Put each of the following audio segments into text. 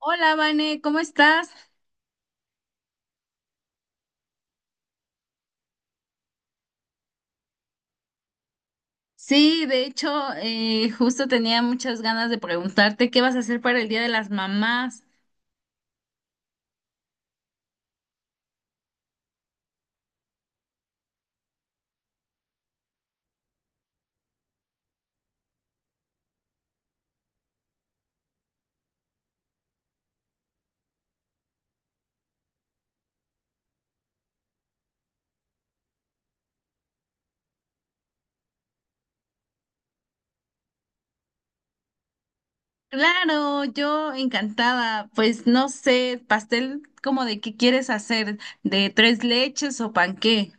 Hola, Vane, ¿cómo estás? Sí, de hecho, justo tenía muchas ganas de preguntarte qué vas a hacer para el Día de las Mamás. Claro, yo encantada. Pues no sé, pastel como de qué quieres hacer, de tres leches o panqué.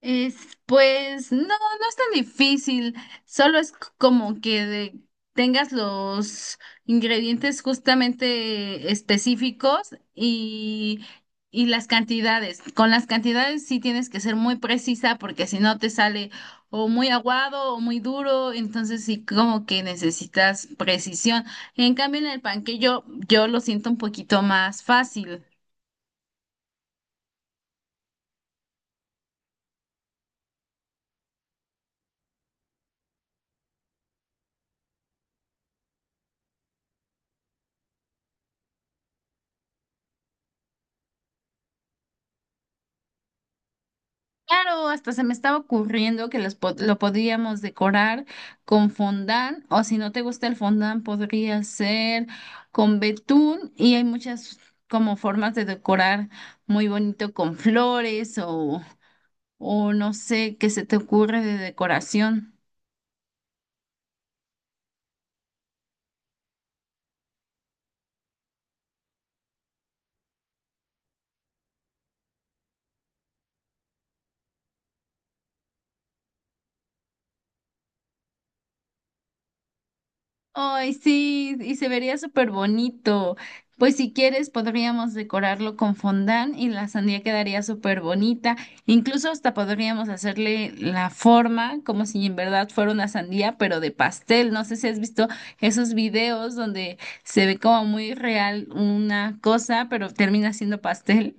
Es, pues no es tan difícil, solo es como que tengas los ingredientes justamente específicos y las cantidades. Con las cantidades sí tienes que ser muy precisa porque si no te sale o muy aguado o muy duro, entonces sí como que necesitas precisión. En cambio en el panquillo yo lo siento un poquito más fácil. Claro, hasta se me estaba ocurriendo que lo podríamos decorar con fondant, o si no te gusta el fondant, podría ser con betún, y hay muchas como formas de decorar muy bonito con flores o no sé qué se te ocurre de decoración. Ay, sí, y se vería súper bonito. Pues si quieres, podríamos decorarlo con fondant y la sandía quedaría súper bonita. Incluso hasta podríamos hacerle la forma como si en verdad fuera una sandía, pero de pastel. No sé si has visto esos videos donde se ve como muy real una cosa, pero termina siendo pastel.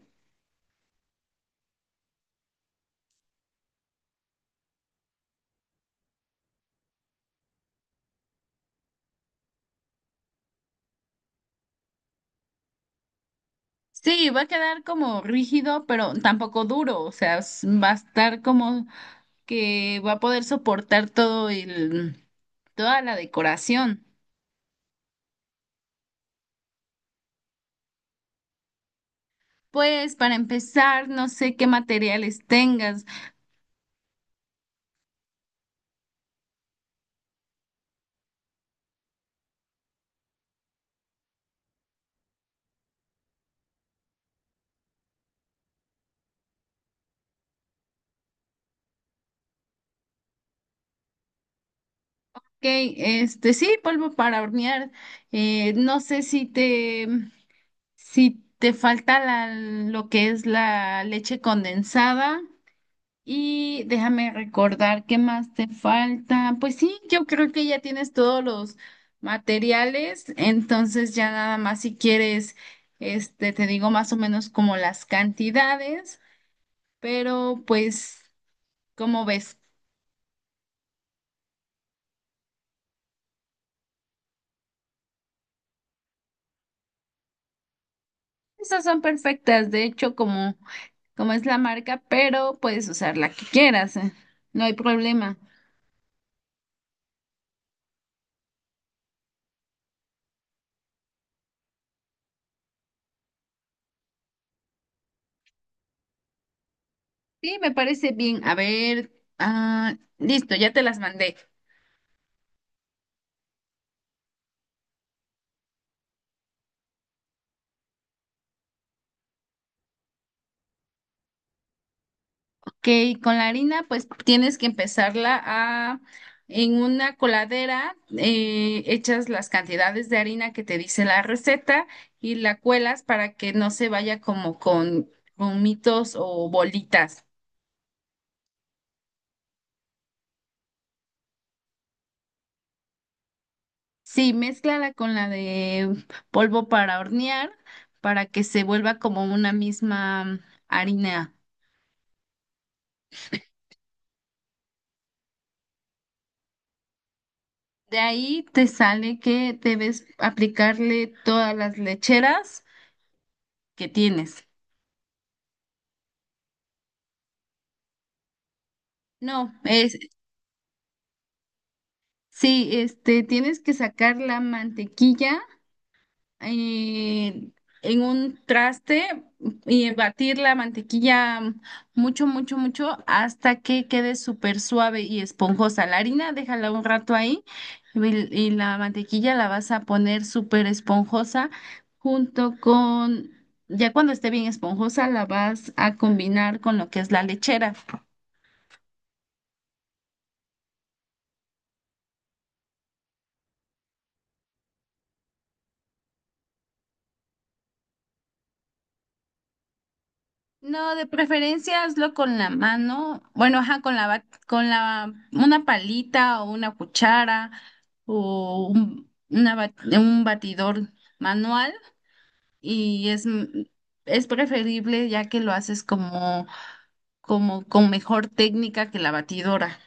Sí, va a quedar como rígido, pero tampoco duro. O sea, va a estar como que va a poder soportar todo el... Toda la decoración. Pues para empezar, no sé qué materiales tengas. Ok, este sí, polvo para hornear. No sé si te falta lo que es la leche condensada. Y déjame recordar qué más te falta. Pues sí, yo creo que ya tienes todos los materiales. Entonces ya nada más si quieres, este, te digo más o menos como las cantidades. Pero pues. Como ves? Esas son perfectas, de hecho, como es la marca, pero puedes usar la que quieras, no hay problema. Sí, me parece bien. A ver, ah, listo, ya te las mandé. Ok, con la harina, pues tienes que en una coladera, echas las cantidades de harina que te dice la receta y la cuelas para que no se vaya como con gomitos o bolitas. Sí, mézclala con la de polvo para hornear para que se vuelva como una misma harina. De ahí te sale que debes aplicarle todas las lecheras que tienes. No, es, sí, este, tienes que sacar la mantequilla eh, en un traste y batir la mantequilla mucho, mucho, mucho hasta que quede súper suave y esponjosa. La harina, déjala un rato ahí y, y la mantequilla la vas a poner súper esponjosa junto con, ya cuando esté bien esponjosa, la vas a combinar con lo que es la lechera. No, de preferencia hazlo con la mano, bueno, ajá, con la, bat, con la, una palita o una cuchara o un batidor manual y es preferible ya que lo haces como, como con mejor técnica que la batidora.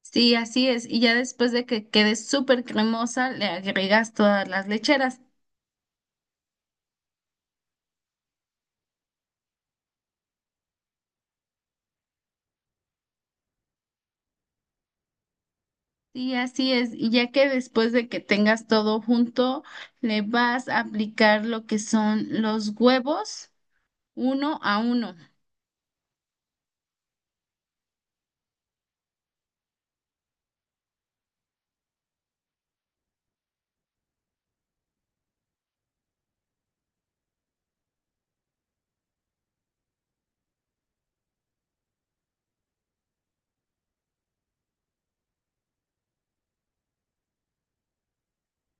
Sí, así es. Y ya después de que quede súper cremosa, le agregas todas las lecheras. Sí, así es. Y ya que después de que tengas todo junto, le vas a aplicar lo que son los huevos uno a uno.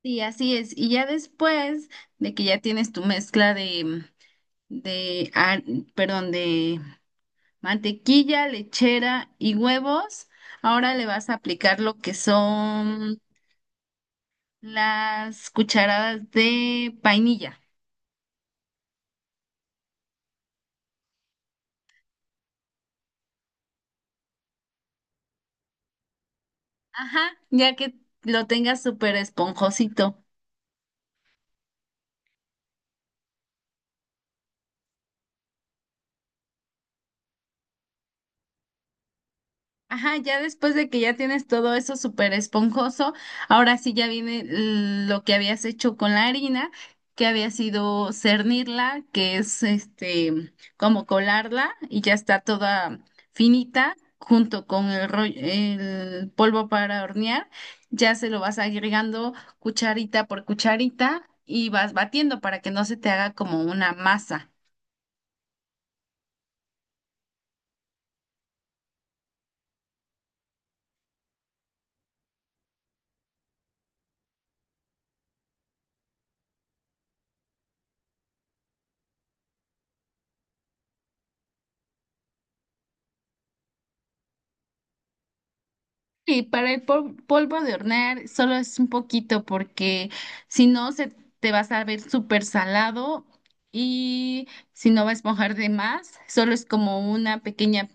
Sí, así es. Y ya después de que ya tienes tu mezcla de, ar- perdón, de mantequilla, lechera y huevos, ahora le vas a aplicar lo que son las cucharadas de vainilla. Ajá, ya que lo tengas súper esponjosito. Ajá, ya después de que ya tienes todo eso súper esponjoso, ahora sí ya viene lo que habías hecho con la harina, que había sido cernirla, que es este como colarla y ya está toda finita junto con el rollo, el polvo para hornear, ya se lo vas agregando cucharita por cucharita y vas batiendo para que no se te haga como una masa. Y para el polvo de hornear solo es un poquito porque si no se te va a saber súper salado y si no va a esponjar de más, solo es como una pequeña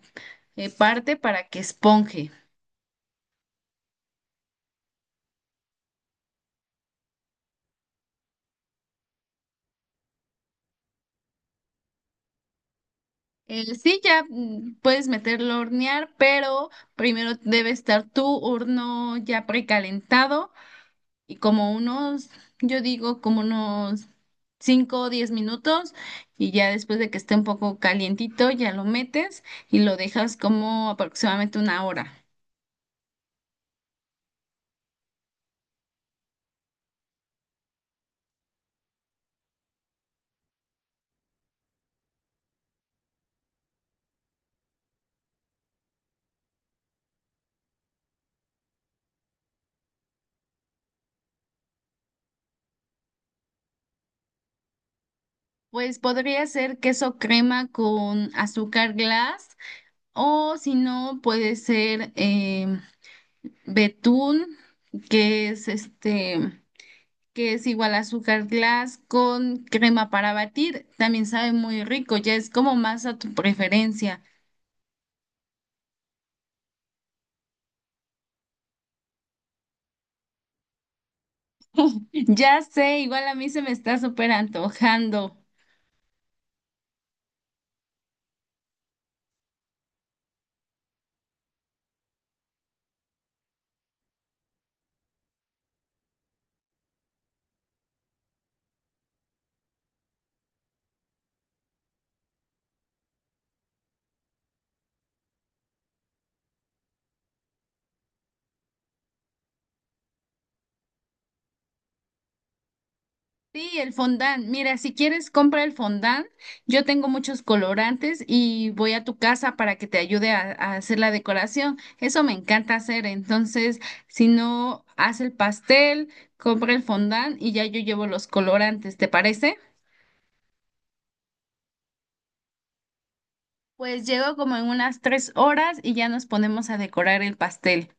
parte para que esponje. Sí, ya mm, puedes meterlo a hornear, pero primero debe estar tu horno ya precalentado y yo digo, como unos 5 o 10 minutos y ya después de que esté un poco calientito, ya lo metes y lo dejas como aproximadamente una hora. Pues podría ser queso crema con azúcar glass o si no, puede ser betún, que es este... que es igual azúcar glass con crema para batir, también sabe muy rico, ya es como más a tu preferencia. Ya sé, igual a mí se me está súper antojando. Sí, el fondant. Mira, si quieres, compra el fondant. Yo tengo muchos colorantes y voy a tu casa para que te ayude a hacer la decoración. Eso me encanta hacer. Entonces, si no, haz el pastel, compra el fondant y ya yo llevo los colorantes. ¿Te parece? Pues llego como en unas 3 horas y ya nos ponemos a decorar el pastel.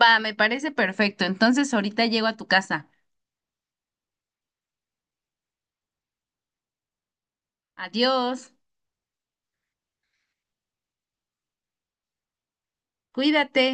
Va, me parece perfecto. Entonces, ahorita llego a tu casa. Adiós. Cuídate.